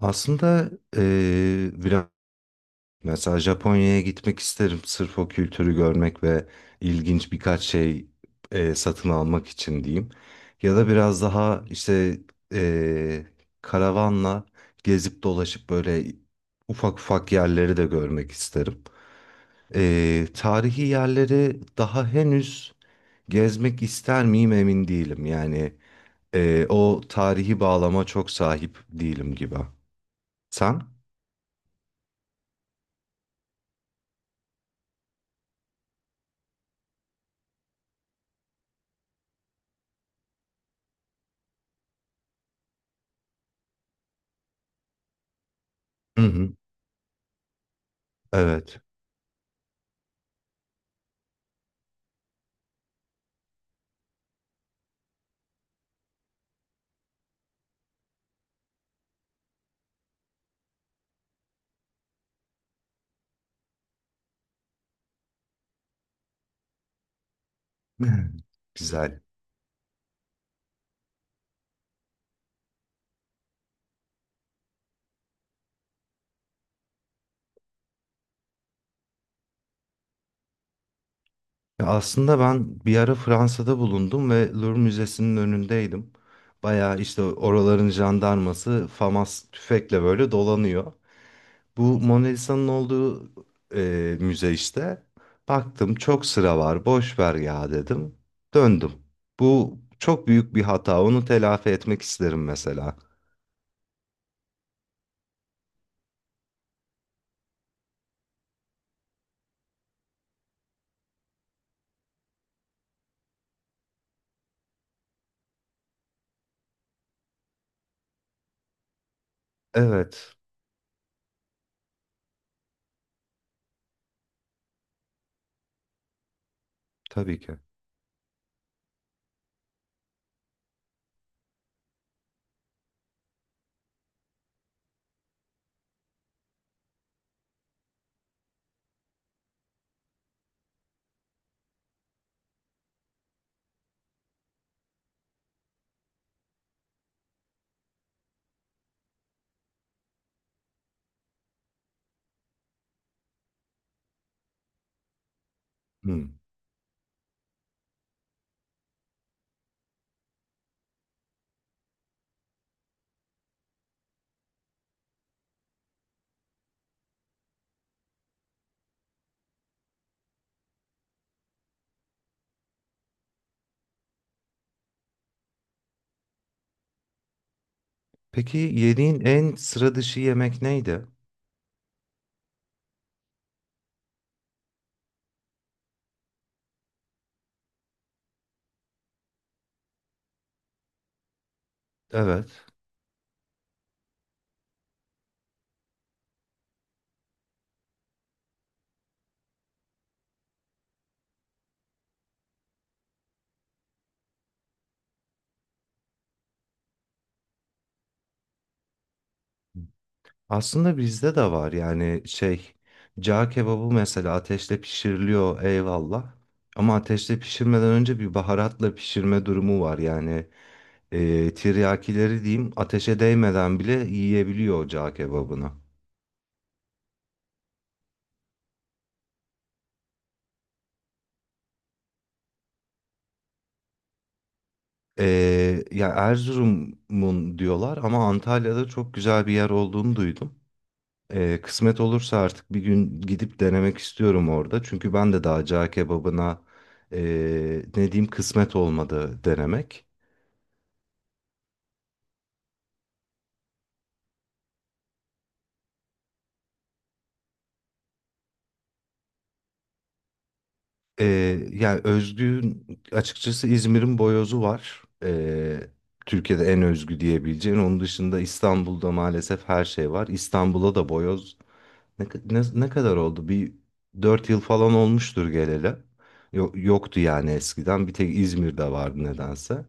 Aslında biraz mesela Japonya'ya gitmek isterim. Sırf o kültürü görmek ve ilginç birkaç şey satın almak için diyeyim. Ya da biraz daha işte eee, karavanla gezip dolaşıp böyle ufak ufak yerleri de görmek isterim. Tarihi yerleri daha henüz gezmek ister miyim emin değilim. Yani o tarihi bağlama çok sahip değilim gibi. Sen? Hı hı. Evet. Güzel. Ya aslında ben bir ara Fransa'da bulundum ve Louvre Müzesi'nin önündeydim. Bayağı işte oraların jandarması FAMAS tüfekle böyle dolanıyor. Bu Mona Lisa'nın olduğu müze işte. Baktım çok sıra var, boş ver ya dedim. Döndüm. Bu çok büyük bir hata. Onu telafi etmek isterim mesela. Evet, tabii ki. Hmm. Peki yediğin en sıra dışı yemek neydi? Evet. Aslında bizde de var yani şey cağ kebabı mesela ateşte pişiriliyor eyvallah. Ama ateşte pişirmeden önce bir baharatla pişirme durumu var yani tiryakileri diyeyim ateşe değmeden bile yiyebiliyor o cağ kebabını. E, ya Erzurum'un diyorlar ama Antalya'da çok güzel bir yer olduğunu duydum. E, kısmet olursa artık bir gün gidip denemek istiyorum orada. Çünkü ben de daha cağ kebabına e, ne diyeyim kısmet olmadı denemek. Ee, Yani özgün açıkçası İzmir'in boyozu var. Türkiye'de en özgü diyebileceğin. Onun dışında İstanbul'da maalesef her şey var. İstanbul'a da boyoz ne kadar oldu? Bir 4 yıl falan olmuştur geleli. Yoktu yani eskiden. Bir tek İzmir'de vardı nedense.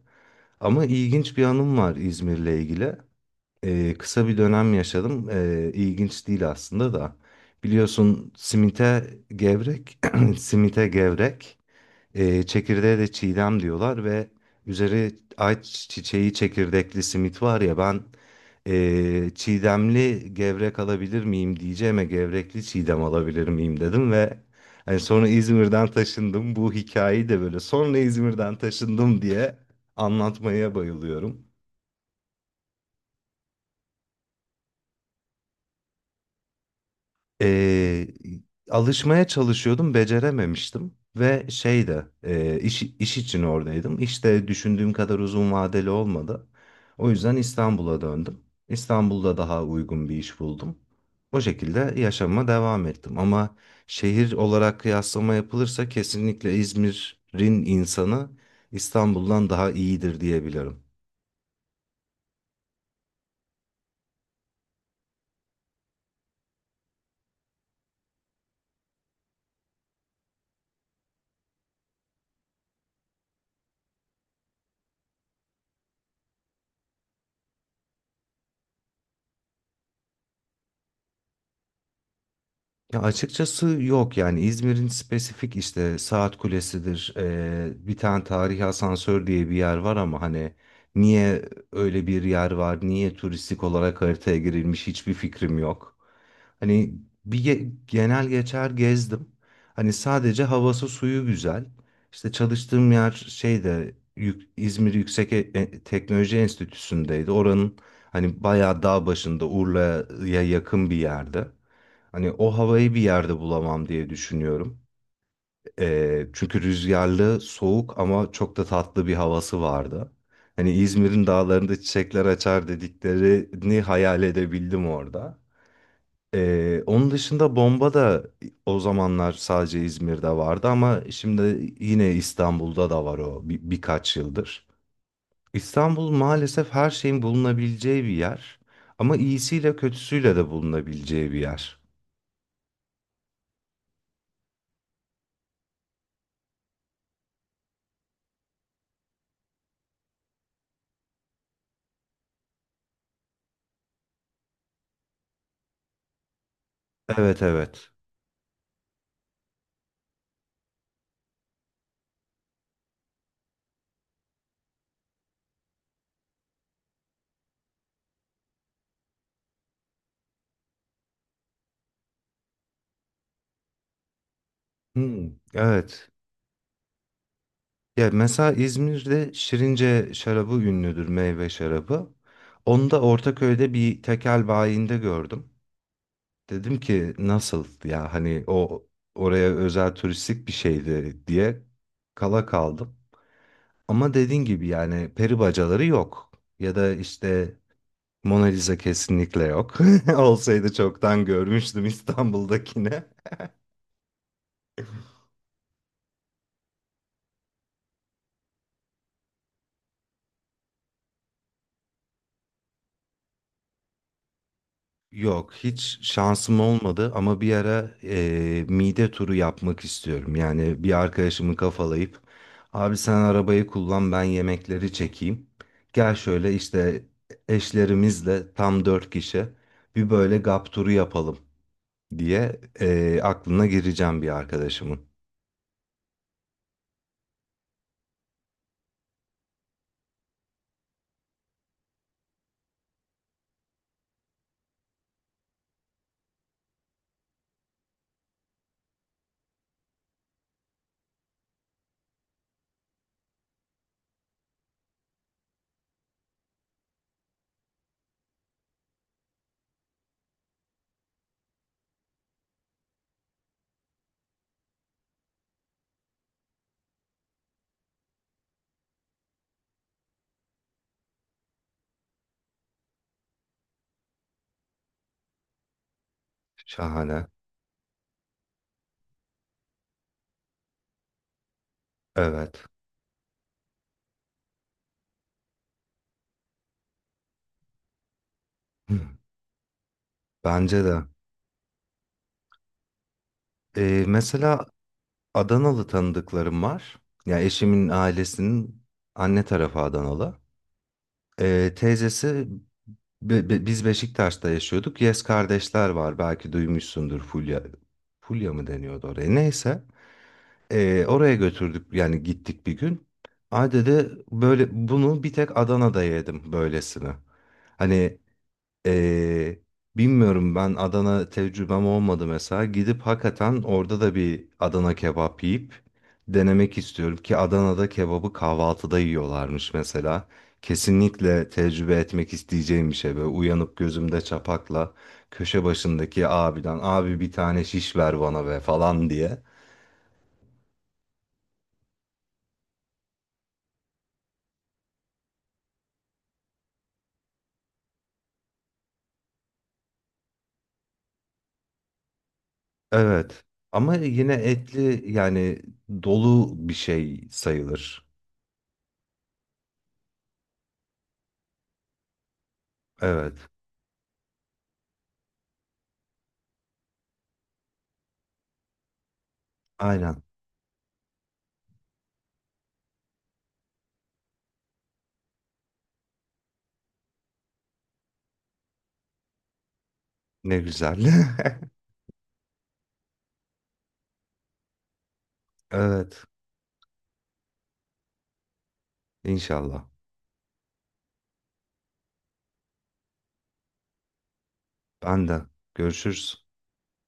Ama ilginç bir anım var İzmir'le ilgili. Kısa bir dönem yaşadım. İlginç değil aslında da. Biliyorsun simite gevrek, simite gevrek. Çekirdeğe de çiğdem diyorlar ve üzeri ayçiçeği çiçeği çekirdekli simit var ya ben çiğdemli gevrek alabilir miyim diyeceğime gevrekli çiğdem alabilir miyim dedim ve hani sonra İzmir'den taşındım bu hikayeyi de böyle sonra İzmir'den taşındım diye anlatmaya bayılıyorum. Eee, Alışmaya çalışıyordum, becerememiştim ve şey de iş için oradaydım. İşte düşündüğüm kadar uzun vadeli olmadı. O yüzden İstanbul'a döndüm. İstanbul'da daha uygun bir iş buldum. O şekilde yaşama devam ettim. Ama şehir olarak kıyaslama yapılırsa kesinlikle İzmir'in insanı İstanbul'dan daha iyidir diyebilirim. Ya açıkçası yok yani İzmir'in spesifik işte Saat Kulesi'dir bir tane tarihi asansör diye bir yer var ama hani niye öyle bir yer var niye turistik olarak haritaya girilmiş hiçbir fikrim yok. Hani bir genel geçer gezdim hani sadece havası suyu güzel. İşte çalıştığım yer şeyde İzmir Yüksek Teknoloji Enstitüsü'ndeydi oranın hani bayağı dağ başında Urla'ya yakın bir yerde. Hani o havayı bir yerde bulamam diye düşünüyorum. Çünkü rüzgarlı, soğuk ama çok da tatlı bir havası vardı. Hani İzmir'in dağlarında çiçekler açar dediklerini hayal edebildim orada. Onun dışında bomba da o zamanlar sadece İzmir'de vardı ama şimdi yine İstanbul'da da var o birkaç yıldır. İstanbul maalesef her şeyin bulunabileceği bir yer ama iyisiyle kötüsüyle de bulunabileceği bir yer. Evet, evet. Hmm, evet. Ya mesela İzmir'de Şirince şarabı ünlüdür, meyve şarabı. Onu da Ortaköy'de bir tekel bayinde gördüm. Dedim ki nasıl ya hani o oraya özel turistik bir şeydi diye kala kaldım. Ama dediğin gibi yani peri bacaları yok. Ya da işte Mona Lisa kesinlikle yok. Olsaydı çoktan görmüştüm İstanbul'dakine. Yok hiç şansım olmadı ama bir ara mide turu yapmak istiyorum. Yani bir arkadaşımı kafalayıp abi sen arabayı kullan ben yemekleri çekeyim. Gel şöyle işte eşlerimizle tam 4 kişi bir böyle gap turu yapalım diye aklına gireceğim bir arkadaşımın. Şahane. Evet. Hı, bence de. Mesela Adanalı tanıdıklarım var. Ya eşimin ailesinin anne tarafı Adanalı. Teyzesi biz Beşiktaş'ta yaşıyorduk. Yes kardeşler var belki duymuşsundur Fulya. Fulya mı deniyordu oraya? Neyse. Oraya götürdük yani gittik bir gün. Ay dedi böyle bunu bir tek Adana'da yedim böylesini. Hani ee, bilmiyorum ben Adana tecrübem olmadı mesela. Gidip hakikaten orada da bir Adana kebap yiyip denemek istiyorum ki Adana'da kebabı kahvaltıda yiyorlarmış mesela. Kesinlikle tecrübe etmek isteyeceğim bir şey böyle uyanıp gözümde çapakla köşe başındaki abiden abi bir tane şiş ver bana be falan diye. Evet, ama yine etli yani dolu bir şey sayılır. Evet, aynen. Ne güzel. Evet. İnşallah. Ben de. Görüşürüz.